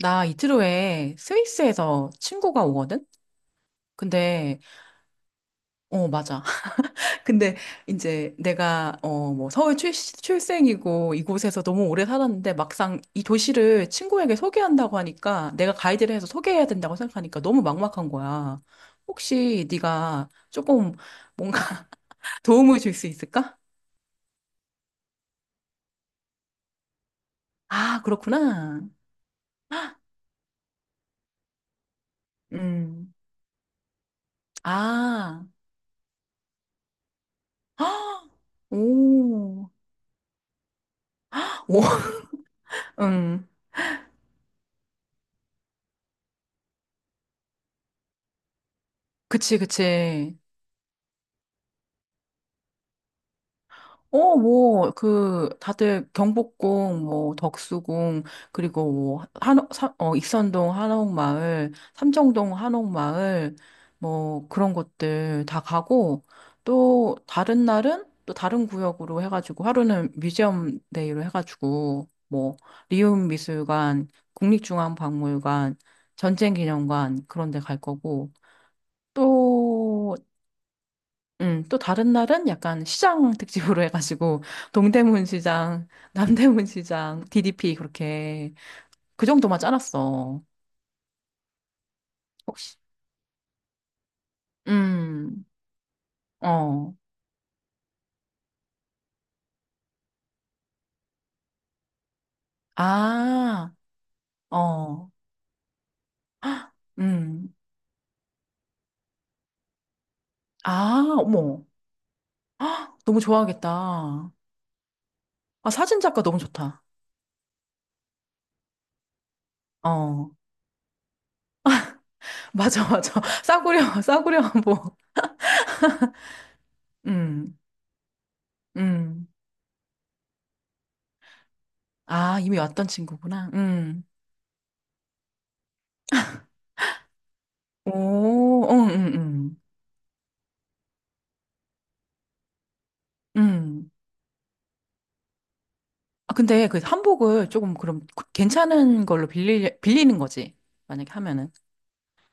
나 이틀 후에 스위스에서 친구가 오거든? 근데, 어, 맞아. 근데 이제 내가, 뭐, 서울 출생이고 이곳에서 너무 오래 살았는데 막상 이 도시를 친구에게 소개한다고 하니까 내가 가이드를 해서 소개해야 된다고 생각하니까 너무 막막한 거야. 혹시 네가 조금 뭔가 도움을 줄 수 있을까? 아, 그렇구나. 음. 아. 헉! 오. 오. 음. 그치, 그치. 어, 뭐, 그, 다들 경복궁, 뭐, 덕수궁, 그리고 뭐, 한옥, 익선동 한옥마을, 삼청동 한옥마을, 뭐, 그런 것들 다 가고, 또, 다른 날은 또 다른 구역으로 해가지고, 하루는 뮤지엄 데이로 해가지고, 뭐, 리움미술관, 국립중앙박물관, 전쟁기념관, 그런 데 갈 거고, 또, 또 다른 날은 약간 시장 특집으로 해가지고 동대문 시장, 남대문 시장, DDP 그렇게 그 정도만 짜놨어. 혹시 음, 어, 아, 어, 음, 아, 어머, 헉, 너무 좋아하겠다. 아, 사진 작가 너무 좋다. 어, 맞아, 맞아. 싸구려, 싸구려 한복. 음, 음, 아, 이미 왔던 친구구나. 오, 응, 응, 응, 응. 아, 근데 그 한복을 조금 그럼 그- 괜찮은 걸로 빌리, 빌리는 거지. 만약에 하면은.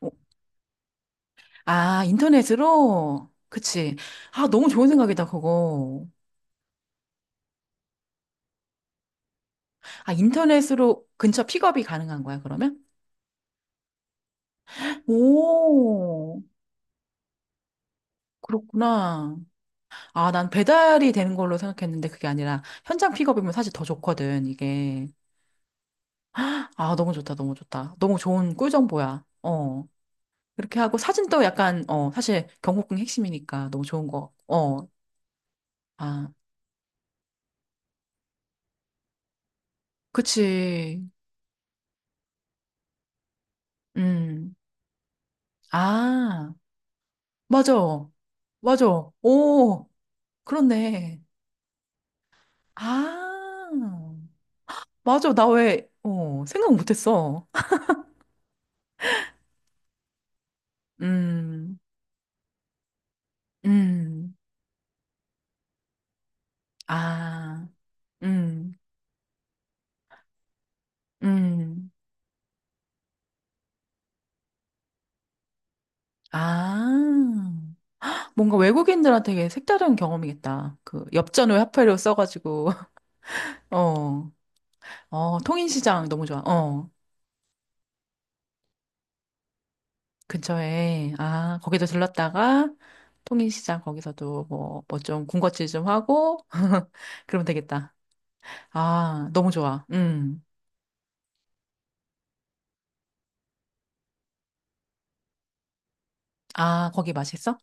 오. 아, 인터넷으로? 그치. 아, 너무 좋은 생각이다, 그거. 아, 인터넷으로 근처 픽업이 가능한 거야, 그러면? 오, 그렇구나. 아, 난 배달이 되는 걸로 생각했는데 그게 아니라 현장 픽업이면 사실 더 좋거든, 이게. 아, 너무 좋다, 너무 좋다. 너무 좋은 꿀정보야. 어. 그렇게 하고 사진도 약간, 사실 경복궁 핵심이니까 너무 좋은 거. 같고. 어. 아. 그치. 음. 아, 맞아. 맞아. 오, 그렇네. 아, 맞아. 나 왜, 생각 못했어. 음, 음, 아, 음, 음, 아. 뭔가 외국인들한테 색다른 경험이겠다. 그, 엽전 외화폐로 써가지고, 어, 어, 통인시장 너무 좋아. 어. 근처에, 아, 거기도 들렀다가, 통일시장 거기서도 뭐, 뭐 좀 군것질 좀 하고, 그러면 되겠다. 아, 너무 좋아. 음. 아, 거기 맛있어?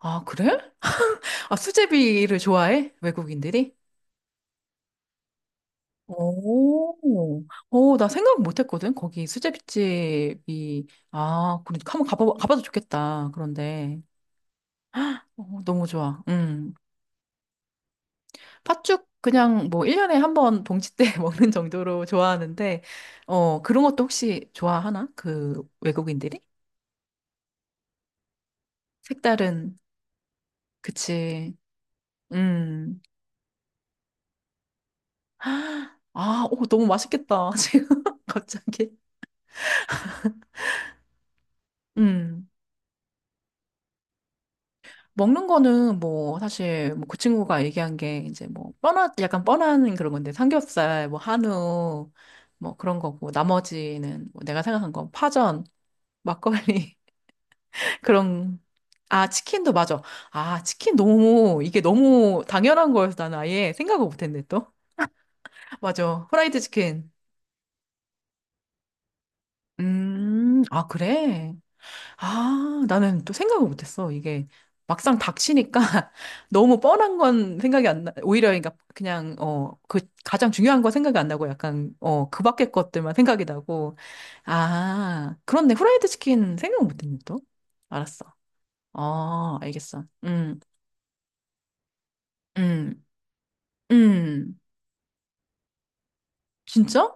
아, 그래? 아, 수제비를 좋아해? 외국인들이? 오, 오, 나 생각 못 했거든? 거기 수제비집이, 아, 그러니까 한번 가봐, 가봐도 좋겠다. 그런데, 어, 너무 좋아. 음. 팥죽 그냥 뭐 1년에 한 번 동치 때 먹는 정도로 좋아하는데, 어, 그런 것도 혹시 좋아하나? 그 외국인들이? 색다른, 그치. 음. 아, 오, 너무 맛있겠다. 지금 갑자기. 음. 먹는 거는 뭐 사실 뭐 그 친구가 얘기한 게 이제 뭐 뻔한, 약간 뻔한 그런 건데 삼겹살, 뭐 한우, 뭐 그런 거고 나머지는 뭐 내가 생각한 건 파전, 막걸리 그럼, 아, 치킨도 맞아. 아, 치킨 너무, 이게 너무 당연한 거여서 나는 아예 생각을 못했네, 또. 맞아. 프라이드 치킨. 아, 그래? 아, 나는 또 생각을 못했어. 이게 막상 닥치니까 너무 뻔한 건 생각이 안 나, 오히려 그러니까 그냥, 그 가장 중요한 건 생각이 안 나고 약간, 그 밖의 것들만 생각이 나고. 아, 그렇네. 후라이드 치킨 생각 못했네, 또. 알았어. 어, 알겠어. 음. 음, 진짜?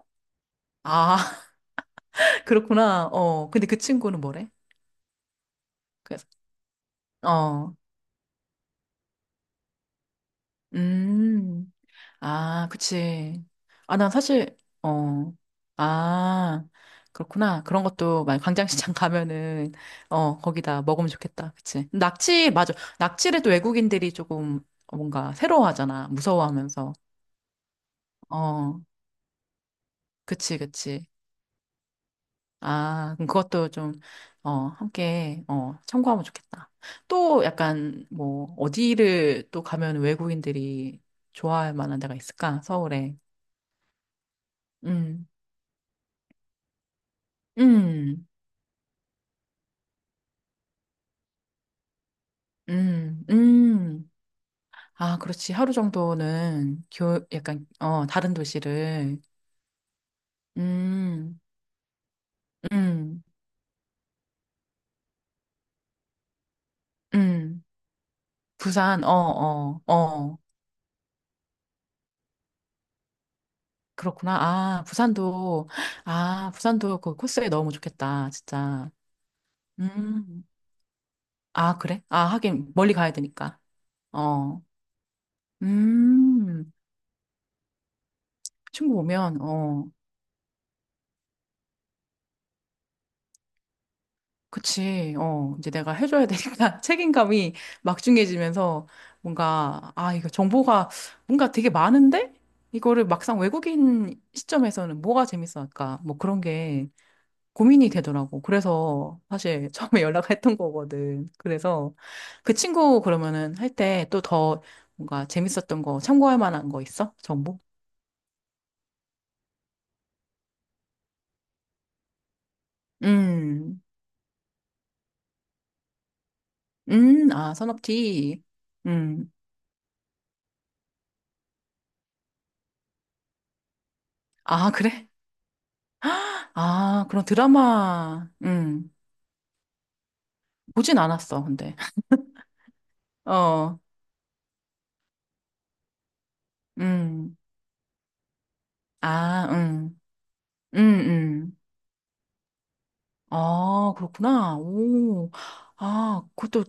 아, 그렇구나. 어, 근데 그 친구는 뭐래? 그래서, 어, 음, 아, 그치. 아, 난 사실, 어, 아, 그렇구나. 그런 것도, 만 광장시장 가면은, 어, 거기다 먹으면 좋겠다. 그치. 낙지, 맞아. 낙지를 또 외국인들이 조금 뭔가 새로워하잖아. 무서워하면서. 어, 그치, 그치. 아, 그럼 그것도 좀, 함께, 참고하면 좋겠다. 또 약간, 뭐, 어디를 또 가면 외국인들이 좋아할 만한 데가 있을까? 서울에. 음, 음, 음, 음. 아, 그렇지. 하루 정도는 약간, 다른 도시를. 음, 음, 음. 부산, 어, 어, 어. 그렇구나. 아, 부산도, 아, 부산도 그 코스에 넣으면 좋겠다. 진짜. 음. 아, 그래? 아, 하긴, 멀리 가야 되니까. 어, 음, 친구 보면, 어, 그치, 어, 이제 내가 해줘야 되니까 책임감이 막중해지면서 뭔가, 아, 이거 정보가 뭔가 되게 많은데? 이거를 막상 외국인 시점에서는 뭐가 재밌어 할까? 뭐 그런 게 고민이 되더라고. 그래서 사실 처음에 연락했던 거거든. 그래서 그 친구 그러면은 할 때 또 더 뭔가 재밌었던 거 참고할 만한 거 있어? 정보? 음. 아, 산업티. 음. 아, 그래? 아, 그럼 드라마, 보진 않았어, 근데. 어, 음. 아, 음, 음. 아, 그렇구나. 오. 아, 그것도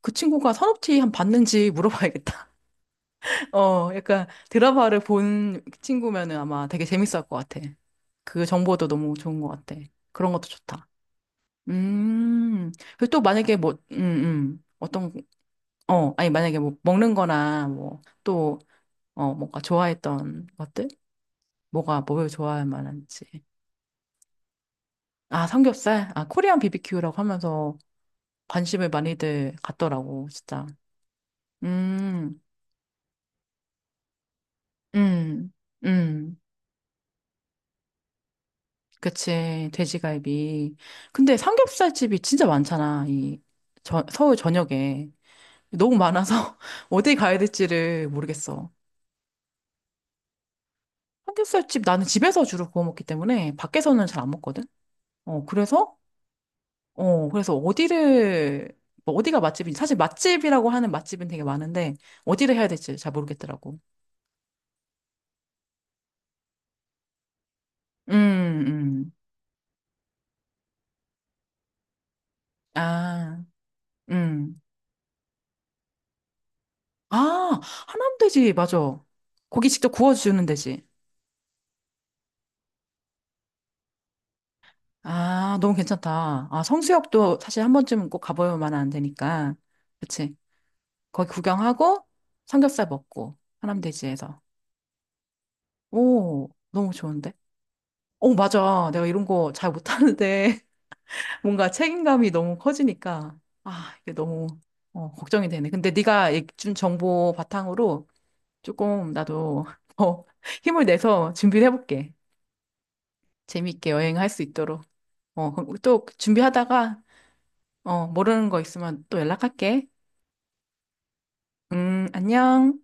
그 친구가 산업티 한 봤는지 물어봐야겠다. 어, 약간 드라마를 본 친구면은 아마 되게 재밌을 것 같아. 그 정보도 너무 좋은 것 같아. 그런 것도 좋다. 음. 그리고 또 만약에 뭐, 어떤 어, 아니, 만약에 뭐 먹는 거나 뭐 또, 어, 뭔가 좋아했던 것들? 뭐가 뭘 좋아할 만한지. 아, 삼겹살? 아, 코리안 비비큐라고 하면서 관심을 많이들 갖더라고, 진짜. 음, 음, 음. 그치, 돼지갈비. 근데 삼겹살 집이 진짜 많잖아, 이 저, 서울 전역에. 너무 많아서 어디 가야 될지를 모르겠어. 삼겹살 집, 나는 집에서 주로 구워 먹기 때문에 밖에서는 잘 안 먹거든? 어, 그래서 어, 그래서 어디를, 뭐 어디가 맛집인지, 사실 맛집이라고 하는 맛집은 되게 많은데, 어디를 해야 될지 잘 모르겠더라고. 음, 음. 아, 음. 아, 하남돼지, 맞아. 고기 직접 구워주는 돼지. 아, 너무 괜찮다. 아, 성수역도 사실 한 번쯤은 꼭 가봐야만 안 되니까. 그치. 거기 구경하고, 삼겹살 먹고, 하남돼지에서. 오, 너무 좋은데? 오, 맞아. 내가 이런 거 잘 못하는데. 뭔가 책임감이 너무 커지니까 아, 이게 너무 어, 걱정이 되네. 근데 네가 준 정보 바탕으로 조금 나도 더 힘을 내서 준비를 해볼게. 재미있게 여행할 수 있도록. 어, 그럼 또 준비하다가 어, 모르는 거 있으면 또 연락할게. 안녕.